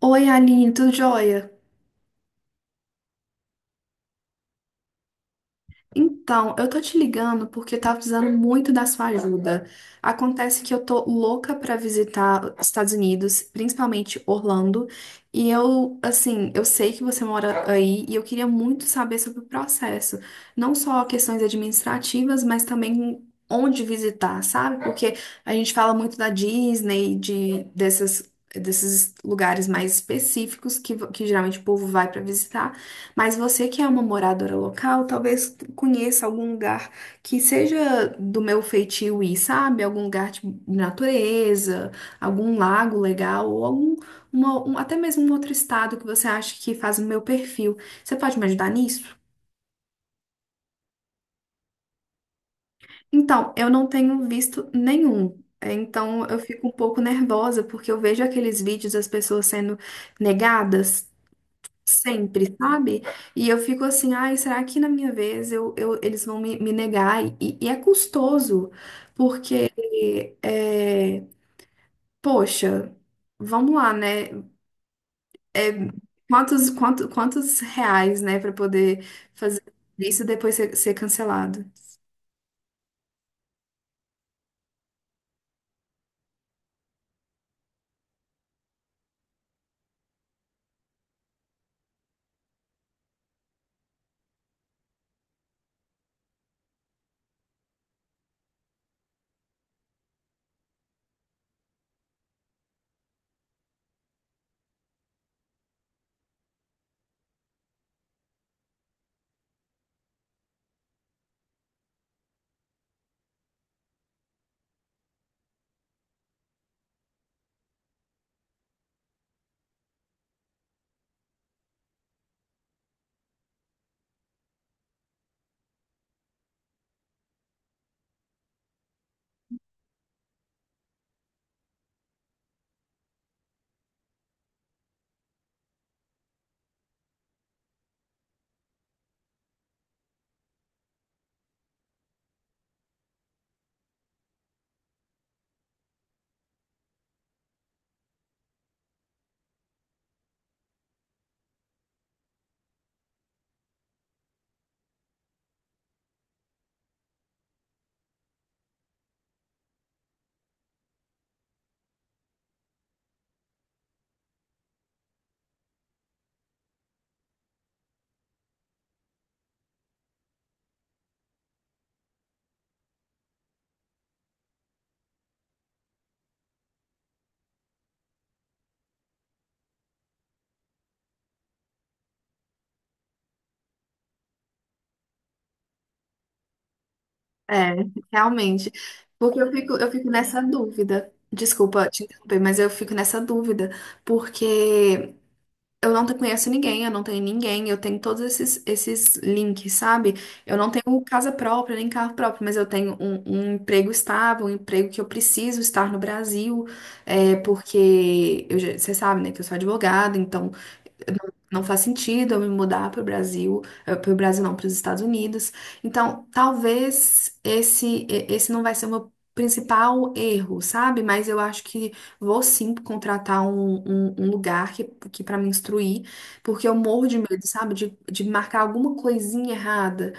Oi, Aline, tudo jóia? Então, eu tô te ligando porque eu tava precisando muito da sua ajuda. Acontece que eu tô louca pra visitar os Estados Unidos, principalmente Orlando, e eu, assim, eu sei que você mora aí e eu queria muito saber sobre o processo, não só questões administrativas, mas também onde visitar, sabe? Porque a gente fala muito da Disney, de dessas desses lugares mais específicos que geralmente o povo vai pra visitar. Mas você que é uma moradora local, talvez conheça algum lugar que seja do meu feitio ir, sabe? Algum lugar de natureza, algum lago legal, ou algum, até mesmo um outro estado que você acha que faz o meu perfil. Você pode me ajudar nisso? Então, eu não tenho visto nenhum. É, então, eu fico um pouco nervosa porque eu vejo aqueles vídeos das pessoas sendo negadas. Sempre, sabe? E eu fico assim, ai, será que na minha vez eles vão me negar? E é custoso, porque, é, poxa, vamos lá, né? Quantos reais, né, para poder fazer isso e depois ser cancelado? É, realmente. Porque eu fico nessa dúvida. Desculpa te interromper, mas eu fico nessa dúvida, porque. Eu não te- Conheço ninguém, eu não tenho ninguém, eu tenho todos esses, esses links, sabe? Eu não tenho casa própria, nem carro próprio, mas eu tenho um emprego estável, um emprego que eu preciso estar no Brasil, é, porque você sabe, né, que eu sou advogada, então não faz sentido eu me mudar para o Brasil não, para os Estados Unidos. Então, talvez esse não vai ser o meu principal erro, sabe? Mas eu acho que vou sim contratar um lugar que para me instruir, porque eu morro de medo, sabe? De marcar alguma coisinha errada.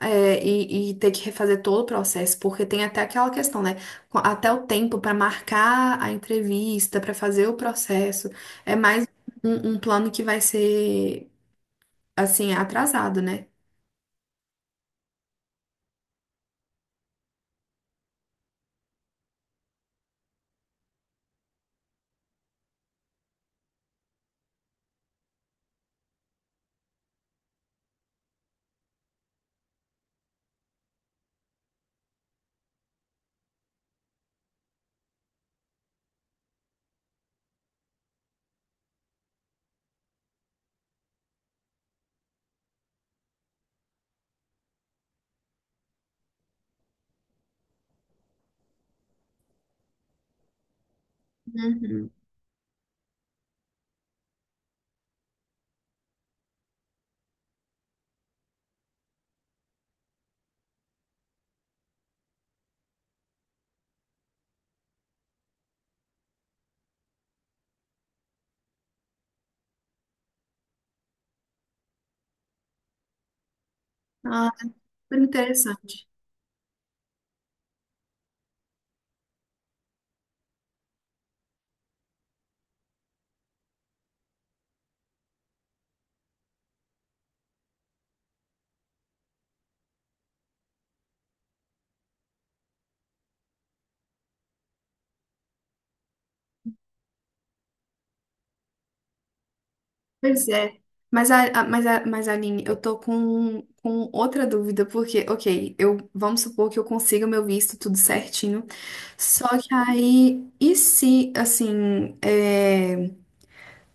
É, e ter que refazer todo o processo, porque tem até aquela questão, né? Até o tempo para marcar a entrevista, para fazer o processo. É mais um plano que vai ser, assim, atrasado, né? Uhum. Ah, super interessante. Pois é. Mas, Aline, eu tô com outra dúvida, porque, ok, eu, vamos supor que eu consiga o meu visto tudo certinho, só que aí, e se, assim, é,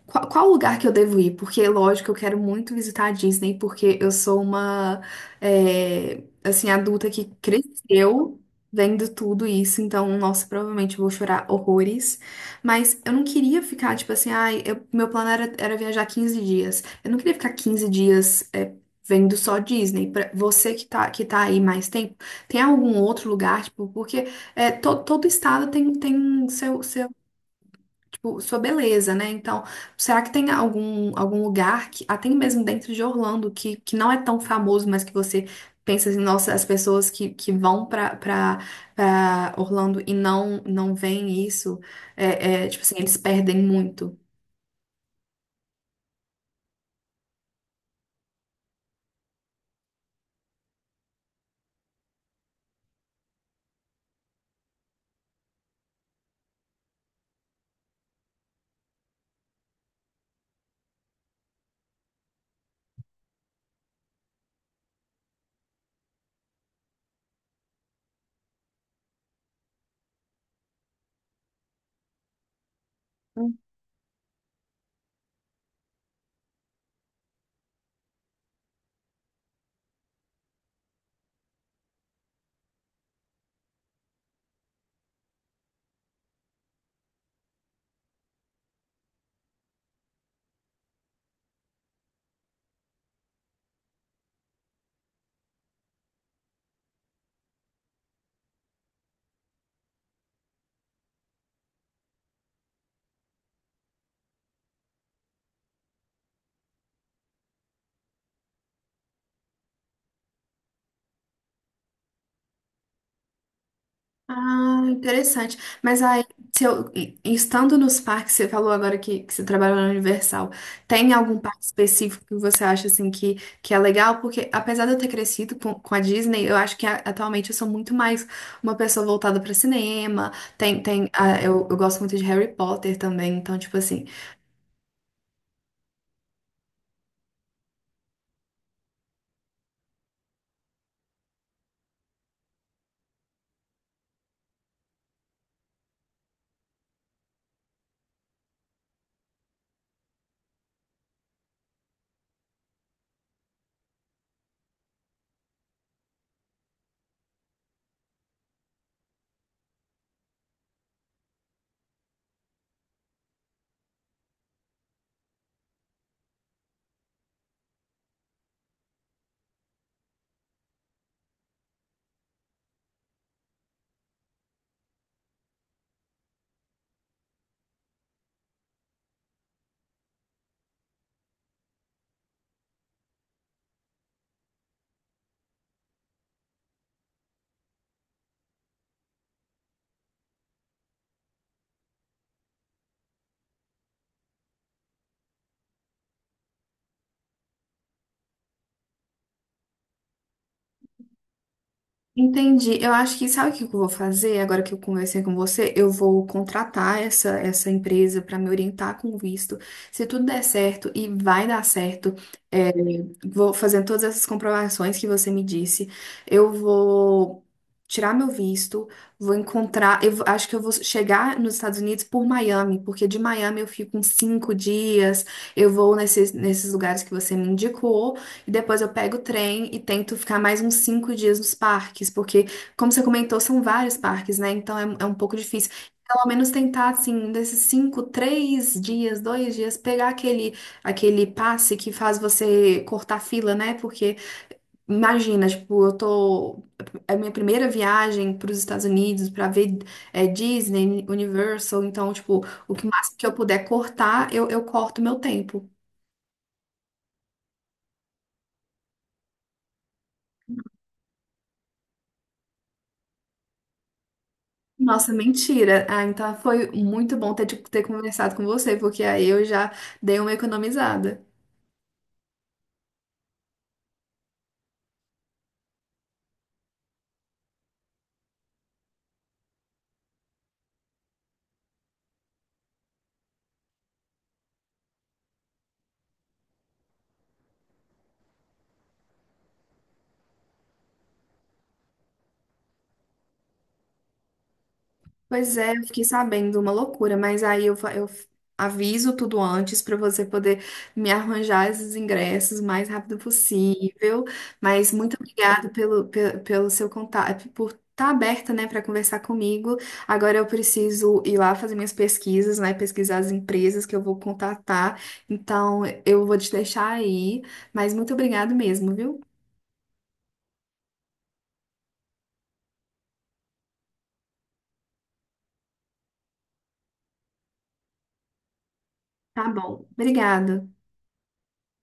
qual, qual lugar que eu devo ir? Porque, lógico, eu quero muito visitar a Disney, porque eu sou uma, é, assim, adulta que cresceu vendo tudo isso, então, nossa, provavelmente eu vou chorar horrores. Mas eu não queria ficar, tipo assim, ai, meu plano era viajar 15 dias. Eu não queria ficar 15 dias, é, vendo só Disney. Pra você que tá aí mais tempo, tem algum outro lugar, tipo, porque é, todo estado tem, tem seu tipo, sua beleza, né? Então, será que tem algum, algum lugar que, até mesmo dentro de Orlando, que não é tão famoso, mas que você pensa assim, nossa, as pessoas que vão pra Orlando e não veem isso, é, tipo assim, eles perdem muito. Ah, interessante. Mas aí, se eu, estando nos parques, você falou agora que você trabalhou na Universal, tem algum parque específico que você acha assim que é legal? Porque apesar de eu ter crescido com a Disney, eu acho que atualmente eu sou muito mais uma pessoa voltada para cinema. Eu gosto muito de Harry Potter também, então, tipo assim, entendi. Eu acho que sabe o que eu vou fazer agora que eu conversei com você? Eu vou contratar essa empresa para me orientar com o visto. Se tudo der certo, e vai dar certo, é, vou fazendo todas essas comprovações que você me disse. Eu vou tirar meu visto, vou encontrar. Acho que eu vou chegar nos Estados Unidos por Miami, porque de Miami eu fico uns 5 dias. Eu vou nesses lugares que você me indicou, e depois eu pego o trem e tento ficar mais uns 5 dias nos parques, porque, como você comentou, são vários parques, né? Então é, é um pouco difícil. Pelo menos tentar, assim, um desses 5, 3 dias, 2 dias, pegar aquele. Aquele passe que faz você cortar fila, né? Porque imagina, tipo, eu tô. É a minha primeira viagem para os Estados Unidos para ver é, Disney, Universal. Então, tipo, o que mais que eu puder cortar, eu corto meu tempo. Nossa, mentira. Ah, então foi muito bom ter, tipo, ter conversado com você, porque aí eu já dei uma economizada. Pois é, eu fiquei sabendo uma loucura, mas aí eu, eu aviso tudo antes para você poder me arranjar esses ingressos o mais rápido possível. Mas muito obrigado pelo, pelo, seu contato, por estar aberta, né, para conversar comigo. Agora eu preciso ir lá fazer minhas pesquisas, né, pesquisar as empresas que eu vou contatar. Então eu vou te deixar aí, mas muito obrigado mesmo, viu? Tá bom, obrigada.